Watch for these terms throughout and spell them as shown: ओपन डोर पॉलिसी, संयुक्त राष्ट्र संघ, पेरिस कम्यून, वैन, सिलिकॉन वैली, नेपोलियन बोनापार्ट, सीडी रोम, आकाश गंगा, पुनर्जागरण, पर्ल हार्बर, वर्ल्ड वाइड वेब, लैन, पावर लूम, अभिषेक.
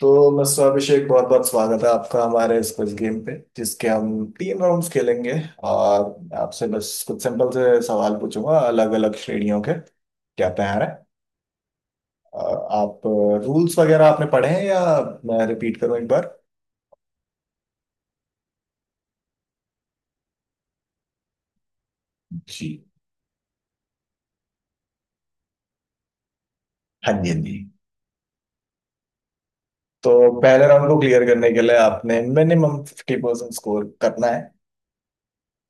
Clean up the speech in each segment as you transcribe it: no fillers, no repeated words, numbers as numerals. तो मिस्टर अभिषेक, बहुत बहुत स्वागत है आपका हमारे इस क्विज गेम पे जिसके हम तीन राउंड्स खेलेंगे। और आपसे बस कुछ सिंपल से सवाल पूछूंगा अलग अलग श्रेणियों के। क्या तैयार है? और आप रूल्स वगैरह आपने पढ़े हैं या मैं रिपीट करूं एक बार? जी हाँ जी, हाँ जी। तो पहले राउंड को क्लियर करने के लिए आपने मिनिमम 50% स्कोर करना है।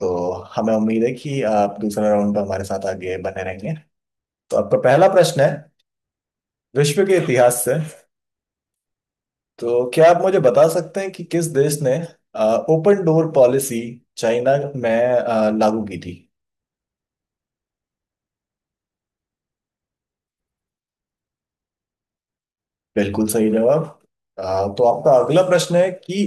तो हमें उम्मीद है कि आप दूसरे राउंड में हमारे साथ आगे बने रहेंगे। तो आपका पहला प्रश्न है विश्व के इतिहास से। तो क्या आप मुझे बता सकते हैं कि किस देश ने ओपन डोर पॉलिसी चाइना में लागू की थी? बिल्कुल सही जवाब। तो आपका अगला प्रश्न है कि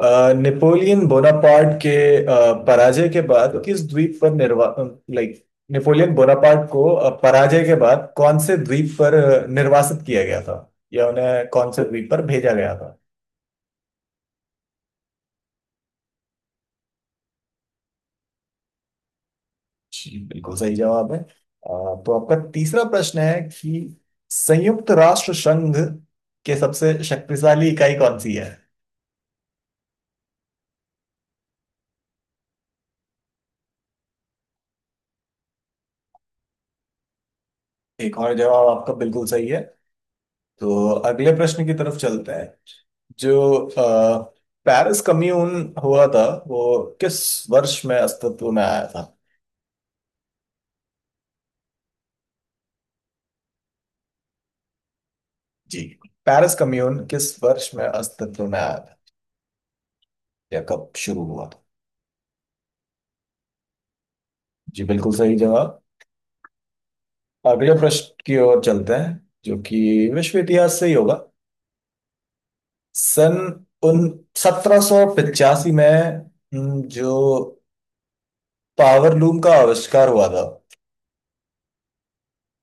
नेपोलियन बोनापार्ट के पराजय के बाद किस द्वीप पर निर्वा लाइक, नेपोलियन बोनापार्ट को पराजय के बाद कौन से द्वीप पर निर्वासित किया गया था या उन्हें कौन से द्वीप पर भेजा गया था? जी बिल्कुल सही जवाब है। तो आपका तीसरा प्रश्न है कि संयुक्त राष्ट्र संघ के सबसे शक्तिशाली इकाई कौन सी है? एक और जवाब आपका बिल्कुल सही है। तो अगले प्रश्न की तरफ चलते हैं। जो अ, पेरिस कम्यून हुआ था वो किस वर्ष में अस्तित्व में आया था? जी, पेरिस कम्यून किस वर्ष में अस्तित्व में आया था या कब शुरू हुआ था? जी बिल्कुल सही जवाब। अगले प्रश्न की ओर चलते हैं जो कि विश्व इतिहास से ही होगा। सन उन 1785 में जो पावर लूम का आविष्कार हुआ था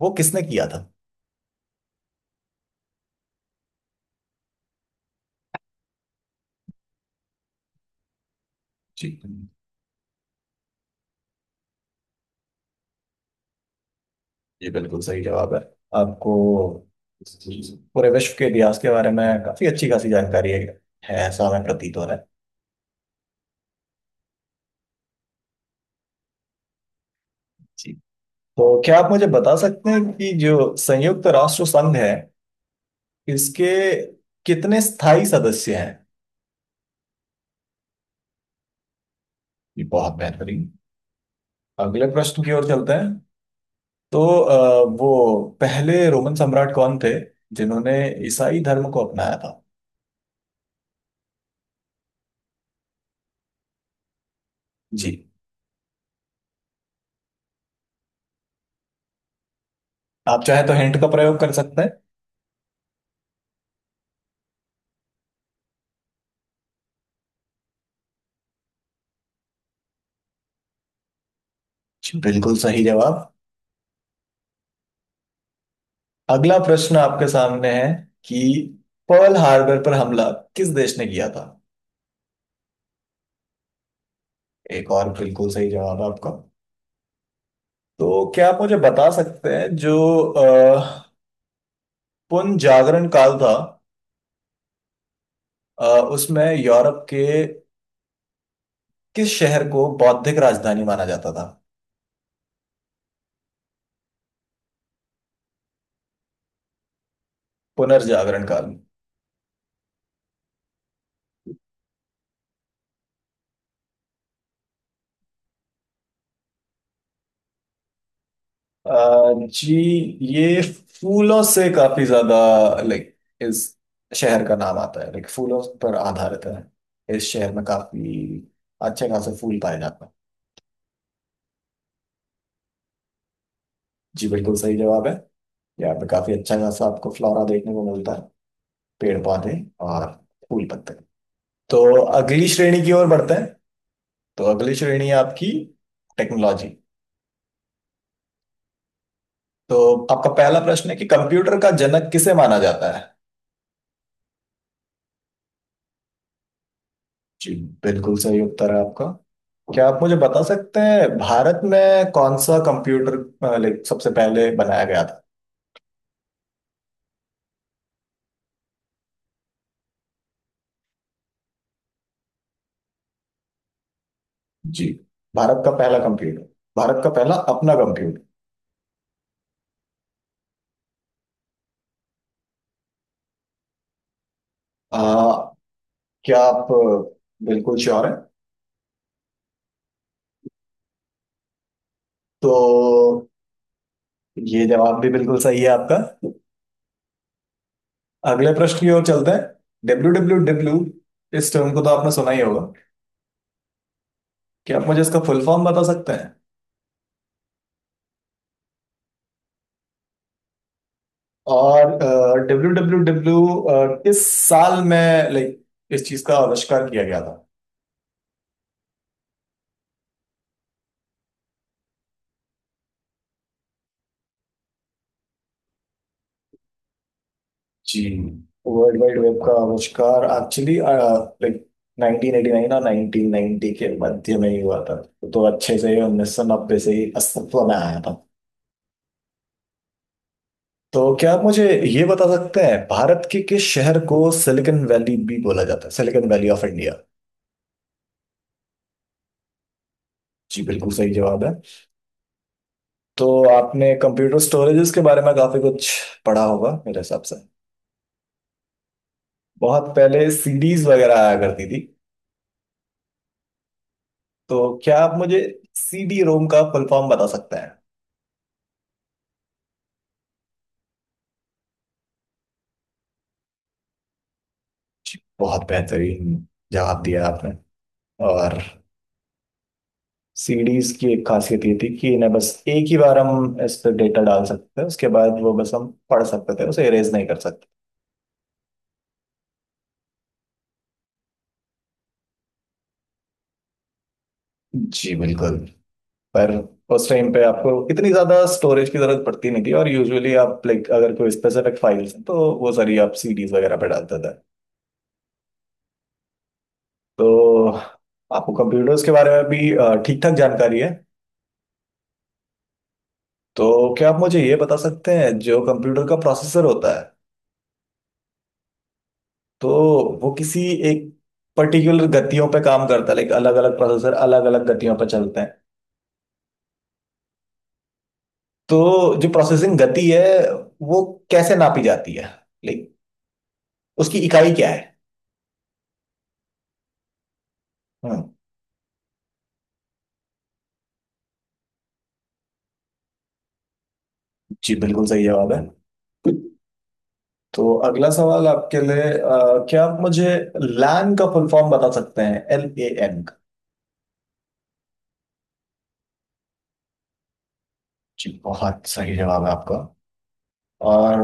वो किसने किया था? जी, ये बिल्कुल सही जवाब है। आपको पूरे विश्व के इतिहास के बारे में काफी अच्छी खासी जानकारी है ऐसा हमें प्रतीत हो रहा है। जी, तो क्या आप मुझे बता सकते हैं कि जो संयुक्त राष्ट्र संघ है इसके कितने स्थायी सदस्य हैं? ये बहुत बेहतरीन। अगले प्रश्न की ओर चलते हैं। तो वो पहले रोमन सम्राट कौन थे जिन्होंने ईसाई धर्म को अपनाया था? जी, आप चाहे तो हिंट का प्रयोग कर सकते हैं। जी, बिल्कुल सही जवाब। अगला प्रश्न आपके सामने है कि पर्ल हार्बर पर हमला किस देश ने किया था? एक और बिल्कुल सही जवाब आपका। तो क्या आप मुझे बता सकते हैं जो अ, पुनर्जागरण काल था, अ, उसमें यूरोप के किस शहर को बौद्धिक राजधानी माना जाता था? पुनर्जागरण काल। जी, ये फूलों से काफी ज्यादा, लाइक, इस शहर का नाम आता है, लाइक फूलों पर आधारित है, इस शहर में काफी अच्छे खासे फूल पाए जाते हैं। जी बिल्कुल सही जवाब है। यहाँ पे काफी अच्छा खासा आपको फ्लोरा देखने को मिलता है, पेड़ पौधे और फूल पत्ते। तो अगली श्रेणी की ओर बढ़ते हैं। तो अगली श्रेणी है आपकी टेक्नोलॉजी। तो आपका पहला प्रश्न है कि कंप्यूटर का जनक किसे माना जाता है? जी बिल्कुल सही उत्तर है आपका। क्या आप मुझे बता सकते हैं भारत में कौन सा कंप्यूटर लाइक सबसे पहले बनाया गया था? जी, भारत का पहला कंप्यूटर, भारत का पहला अपना कंप्यूटर। आ, क्या आप बिल्कुल श्योर हैं? तो ये जवाब भी बिल्कुल सही है आपका। अगले प्रश्न की ओर चलते हैं। डब्ल्यू डब्ल्यू डब्ल्यू, इस टर्म को तो आपने सुना ही होगा। क्या आप मुझे इसका फुल फॉर्म बता सकते हैं? और डब्ल्यू डब्ल्यू डब्ल्यू किस साल में, लाइक, इस चीज का आविष्कार किया गया था? जी, वर्ल्ड वाइड वेब का आविष्कार एक्चुअली, लाइक, 1989 और 1990 के मध्य में ही हुआ था। तो अच्छे से ही 1990 से ही अस्तित्व में आया था। तो क्या आप मुझे ये बता सकते हैं भारत के किस शहर को सिलिकॉन वैली भी बोला जाता है, सिलिकॉन वैली ऑफ इंडिया? जी बिल्कुल सही जवाब है। तो आपने कंप्यूटर स्टोरेजेस के बारे में काफी कुछ पढ़ा होगा मेरे हिसाब से। बहुत पहले सीडीज वगैरह आया करती थी। तो क्या आप मुझे सीडी रोम का फुल फॉर्म बता सकते हैं? बहुत बेहतरीन जवाब दिया आपने। और सीडीज की एक खासियत ये थी कि इन्हें बस एक ही बार हम इस पर डेटा डाल सकते थे, उसके बाद वो बस हम पढ़ सकते थे, उसे इरेज नहीं कर सकते। जी बिल्कुल, पर उस टाइम पे आपको इतनी ज्यादा स्टोरेज की जरूरत पड़ती नहीं थी, और यूजुअली आप, लाइक, अगर कोई स्पेसिफिक फाइल्स हैं तो वो सारी आप सीडीज वगैरह पे डालते थे। तो आपको कंप्यूटर्स के बारे में भी ठीक ठाक जानकारी है। तो क्या आप मुझे ये बता सकते हैं, जो कंप्यूटर का प्रोसेसर होता है तो वो किसी एक पर्टिकुलर गतियों पे काम करता है, लाइक, अलग अलग प्रोसेसर अलग अलग गतियों पे चलते हैं। तो जो प्रोसेसिंग गति है वो कैसे नापी जाती है, लाइक, उसकी इकाई क्या है? हम्म, जी बिल्कुल सही जवाब है। तो अगला सवाल आपके लिए, क्या आप मुझे लैन का फुल फॉर्म बता सकते हैं, एल ए एन का? जी बहुत सही जवाब है आपका। और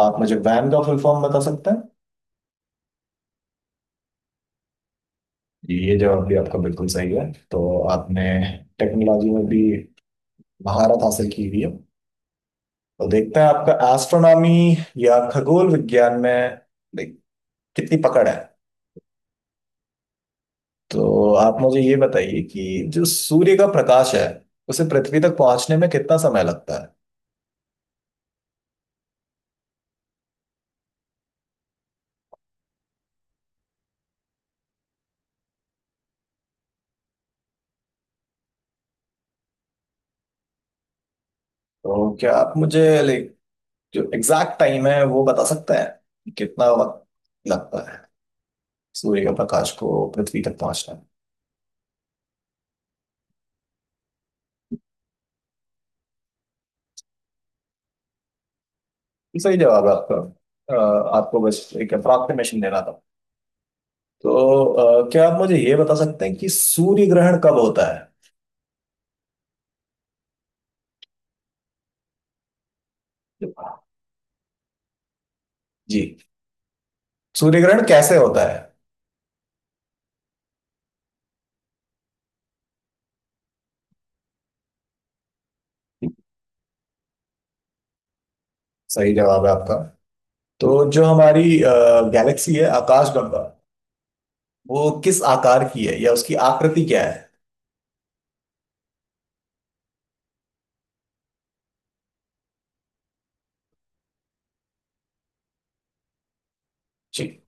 आप मुझे वैन का फुल फॉर्म बता सकते हैं? ये जवाब भी आपका बिल्कुल सही है। तो आपने टेक्नोलॉजी में भी महारत हासिल की हुई है। तो देखते हैं आपका एस्ट्रोनॉमी या खगोल विज्ञान में, like, कितनी पकड़ है? तो आप मुझे ये बताइए कि जो सूर्य का प्रकाश है उसे पृथ्वी तक पहुंचने में कितना समय लगता है? तो क्या आप मुझे, लाइक, जो एग्जैक्ट टाइम है वो बता सकते हैं कि कितना वक्त लगता है सूर्य का प्रकाश को पृथ्वी तक पहुंचने में? ये सही जवाब है आपका। आपको बस एक अप्रॉक्सीमेशन देना था। तो क्या आप मुझे ये बता सकते हैं कि सूर्य ग्रहण कब होता है? जी, सूर्य ग्रहण कैसे होता है? सही जवाब है आपका। तो जो हमारी गैलेक्सी है आकाश गंगा, वो किस आकार की है या उसकी आकृति क्या है? जी,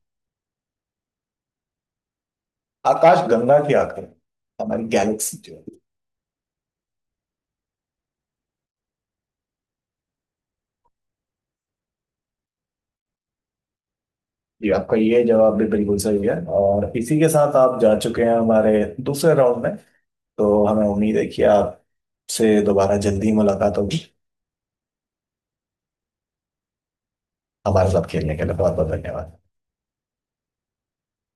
आकाश गंगा की आकृति, हमारी गैलेक्सी जो है। जी आपका ये जवाब भी बिल्कुल सही है, और इसी के साथ आप जा चुके हैं हमारे दूसरे राउंड में। तो हमें उम्मीद है कि आपसे दोबारा जल्दी ही मुलाकात होगी। हमारे साथ खेलने के लिए बहुत बहुत धन्यवाद।